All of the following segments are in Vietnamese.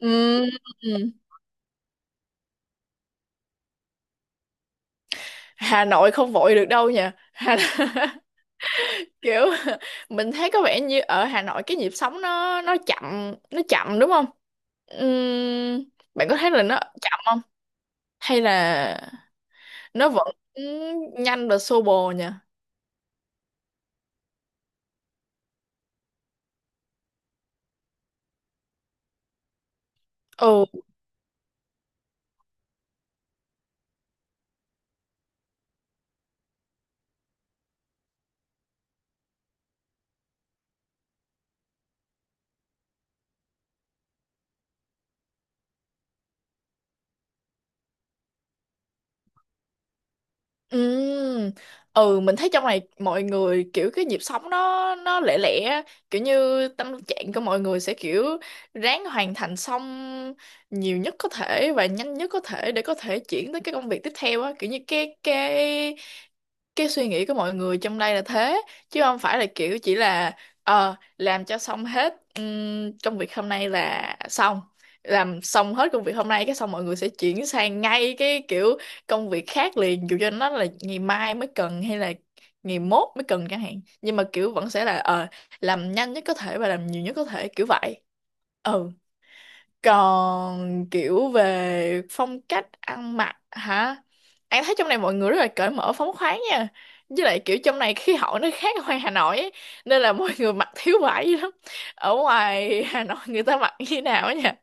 Ừm, Hà Nội không vội được đâu nha Hà... kiểu mình thấy có vẻ như ở Hà Nội cái nhịp sống nó chậm nó chậm đúng không. Ừm, bạn có thấy là nó chậm không hay là nó vẫn nhanh và xô bồ nha. Ừ. Ừ. Ừ mình thấy trong này mọi người kiểu cái nhịp sống nó lẻ lẻ á, kiểu như tâm trạng của mọi người sẽ kiểu ráng hoàn thành xong nhiều nhất có thể và nhanh nhất có thể để có thể chuyển tới cái công việc tiếp theo á, kiểu như cái cái suy nghĩ của mọi người trong đây là thế, chứ không phải là kiểu chỉ là làm cho xong hết công việc hôm nay là xong, làm xong hết công việc hôm nay cái xong mọi người sẽ chuyển sang ngay cái kiểu công việc khác liền, dù cho nó là ngày mai mới cần hay là ngày mốt mới cần chẳng hạn, nhưng mà kiểu vẫn sẽ là làm nhanh nhất có thể và làm nhiều nhất có thể kiểu vậy. Ừ. Còn kiểu về phong cách ăn mặc hả, An thấy trong này mọi người rất là cởi mở phóng khoáng nha, với lại kiểu trong này khí hậu nó khác ở ngoài Hà Nội ấy, nên là mọi người mặc thiếu vải dữ lắm. Ở ngoài Hà Nội người ta mặc như thế nào ấy nha?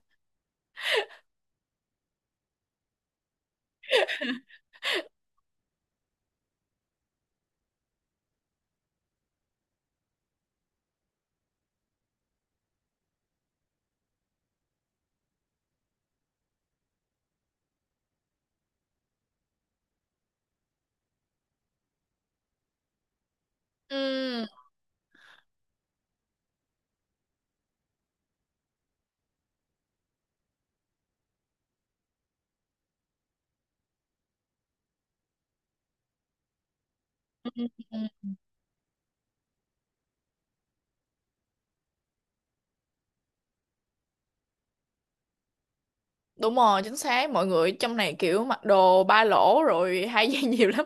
Ừm. Đúng rồi, chính xác. Mọi người trong này kiểu mặc đồ ba lỗ rồi hai dây nhiều lắm.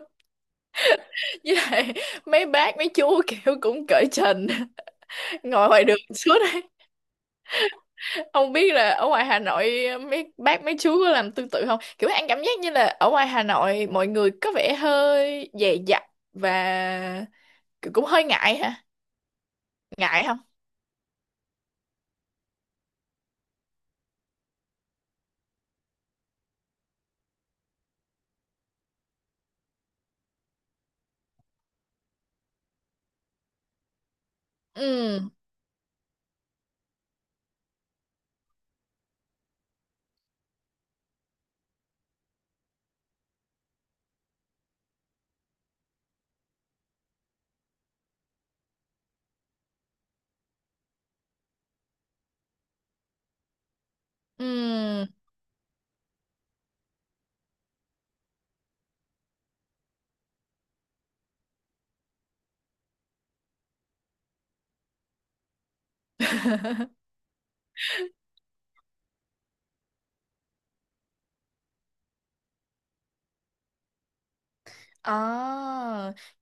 Với lại mấy bác, mấy chú kiểu cũng cởi trần. Ngồi ngoài đường suốt đấy. Không biết là ở ngoài Hà Nội mấy bác, mấy chú có làm tương tự không? Kiểu anh cảm giác như là ở ngoài Hà Nội mọi người có vẻ hơi dè dặt và kiểu cũng hơi ngại hả? Ngại không? Ừ, ừ. À,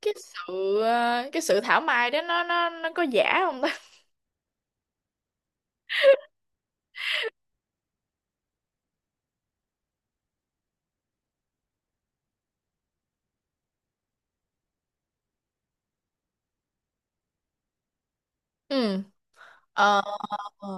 cái sự thảo mai đó nó có giả không ta? Ừ. Ờ.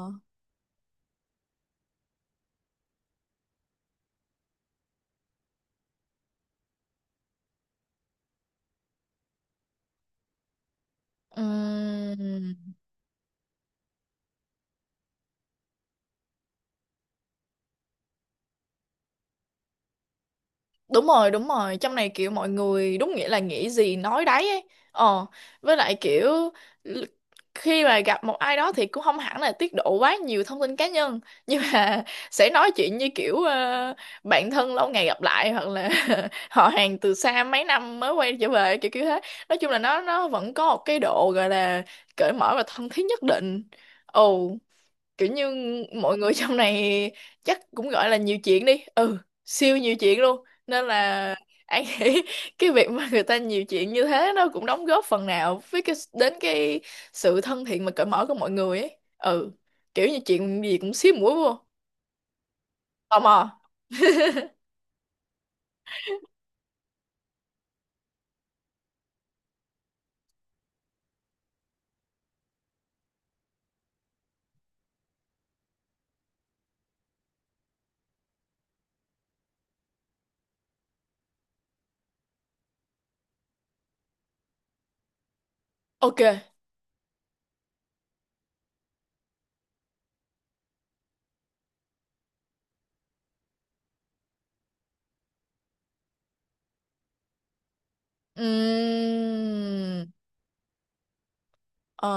Ừm, đúng rồi đúng rồi, trong này kiểu mọi người đúng nghĩa là nghĩ gì nói đấy ấy. Ờ, với lại kiểu l- khi mà gặp một ai đó thì cũng không hẳn là tiết lộ quá nhiều thông tin cá nhân, nhưng mà sẽ nói chuyện như kiểu bạn thân lâu ngày gặp lại hoặc là họ hàng từ xa mấy năm mới quay trở về kiểu kiểu thế. Nói chung là nó vẫn có một cái độ gọi là cởi mở và thân thiết nhất định. Ồ, kiểu như mọi người trong này chắc cũng gọi là nhiều chuyện đi, ừ, siêu nhiều chuyện luôn, nên là anh nghĩ cái việc mà người ta nhiều chuyện như thế nó cũng đóng góp phần nào với cái sự thân thiện mà cởi mở của mọi người ấy. Ừ, kiểu như chuyện gì cũng xíu mũi vô, tò mò. Ok. Ừm, ờ,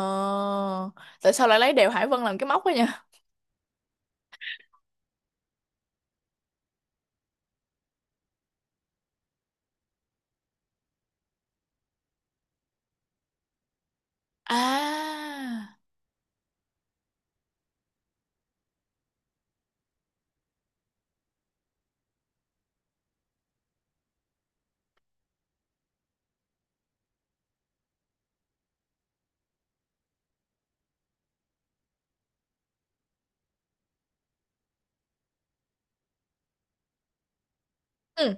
Tại sao lại lấy đèo Hải Vân làm cái móc ấy nha? À. Ừ.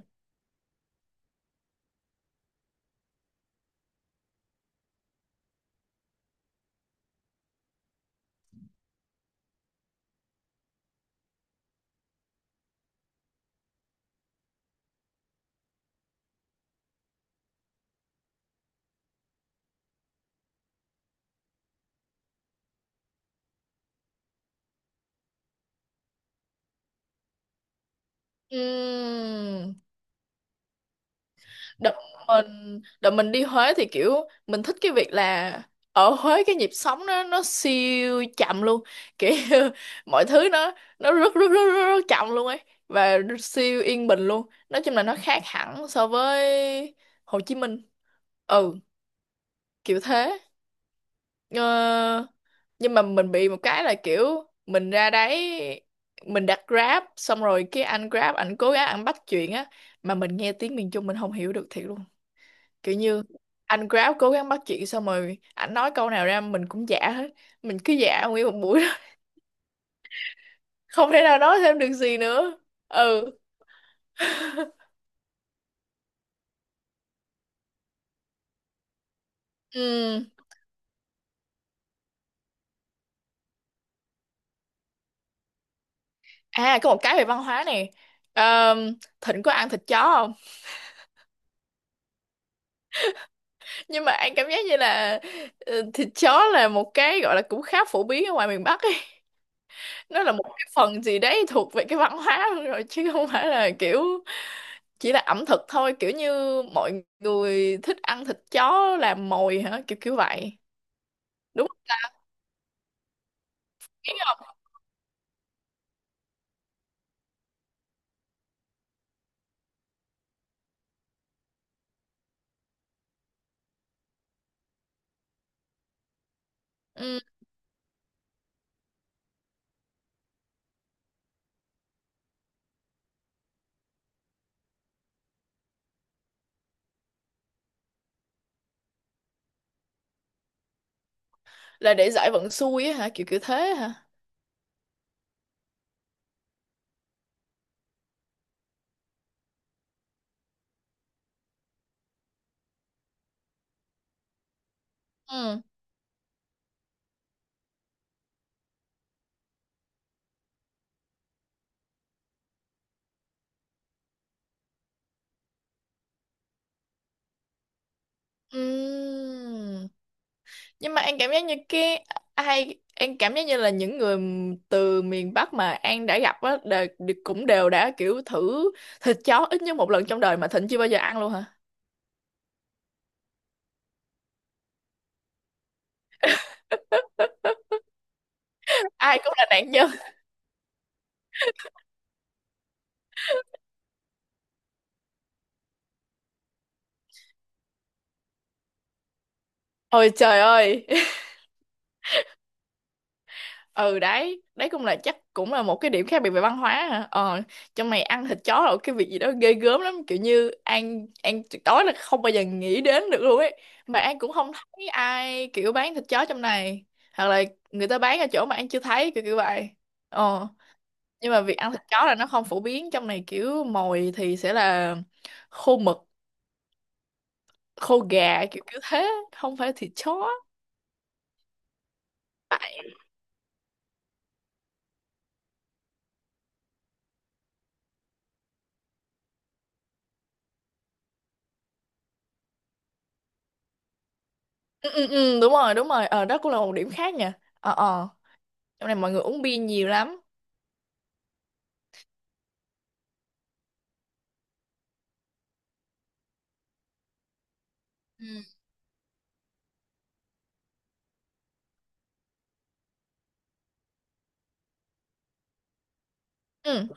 Ừm. Đợt mình đi Huế thì kiểu mình thích cái việc là ở Huế cái nhịp sống nó siêu chậm luôn, kiểu mọi thứ nó rất rất rất rất, rất chậm luôn ấy, và siêu yên bình luôn. Nói chung là nó khác hẳn so với Hồ Chí Minh. Ừ, kiểu thế. Ờ, nhưng mà mình bị một cái là kiểu mình ra đấy mình đặt Grab xong rồi cái anh Grab ảnh cố gắng ảnh bắt chuyện á, mà mình nghe tiếng miền Trung mình không hiểu được thiệt luôn. Kiểu như anh Grab cố gắng bắt chuyện xong rồi ảnh nói câu nào ra mình cũng giả hết, mình cứ giả nguyên một buổi đó. Không thể nào nói thêm được gì nữa. Ừ, ừ. À, có một cái về văn hóa này. Ờm, Thịnh có ăn thịt chó không? Nhưng mà anh cảm giác như là ờ, thịt chó là một cái gọi là cũng khá phổ biến ở ngoài miền Bắc ấy, nó là một cái phần gì đấy thuộc về cái văn hóa luôn rồi, chứ không phải là kiểu chỉ là ẩm thực thôi. Kiểu như mọi người thích ăn thịt chó làm mồi hả, kiểu kiểu vậy, đúng không? Ừ. Là để giải vận xui á hả, kiểu kiểu thế hả? Ừ. Ừm. Nhưng mà An cảm giác như cái An cảm giác như là những người từ miền Bắc mà An đã gặp á đều, cũng đều đã kiểu thử thịt chó ít nhất một lần trong đời, mà Thịnh chưa bao giờ ăn luôn hả? Ai cũng là nạn nhân. Ôi trời ơi. Ừ, đấy đấy cũng là chắc cũng là một cái điểm khác biệt về văn hóa hả. Ờ, trong này ăn thịt chó là cái việc gì đó ghê gớm lắm, kiểu như An tuyệt đối là không bao giờ nghĩ đến được luôn ấy. Mà An cũng không thấy ai kiểu bán thịt chó trong này, hoặc là người ta bán ở chỗ mà An chưa thấy kiểu kiểu vậy. Ờ. Nhưng mà việc ăn thịt chó là nó không phổ biến trong này, kiểu mồi thì sẽ là khô mực, khô gà kiểu kiểu thế, không phải thịt chó. Ừ, ừ, ừ, đúng rồi đúng rồi. Ờ, đó cũng là một điểm khác nha. Ờ, ờ. Trong này mọi người uống bia nhiều lắm. Ừ. Ừ.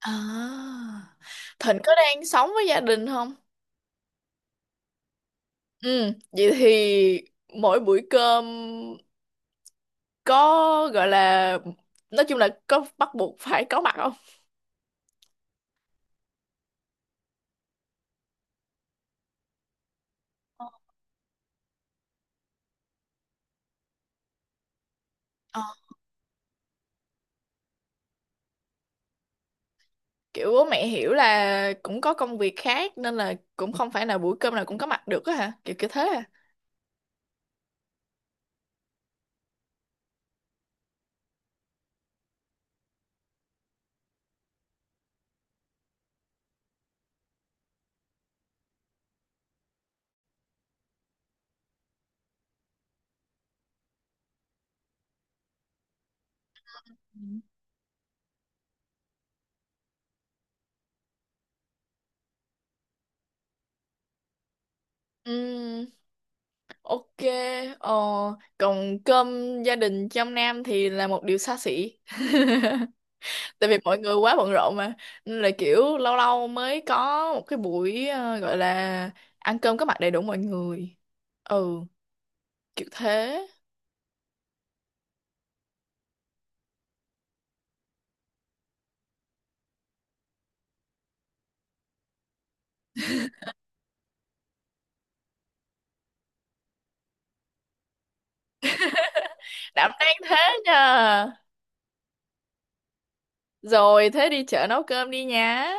À. Thịnh có đang sống với gia đình không? Ừ. Vậy thì mỗi buổi cơm có gọi là nói chung là có bắt buộc phải có mặt không? Ờ. Kiểu bố mẹ hiểu là cũng có công việc khác nên là cũng không phải là buổi cơm nào cũng có mặt được á hả? Kiểu kiểu thế à? Ừ. Ừm, ok. Ờ, còn cơm gia đình trong Nam thì là một điều xa xỉ, tại vì mọi người quá bận rộn mà, nên là kiểu lâu lâu mới có một cái buổi gọi là ăn cơm có mặt đầy đủ mọi người. Ừ, kiểu thế. Đảm đang thế nha. Rồi thế đi chợ nấu cơm đi nha.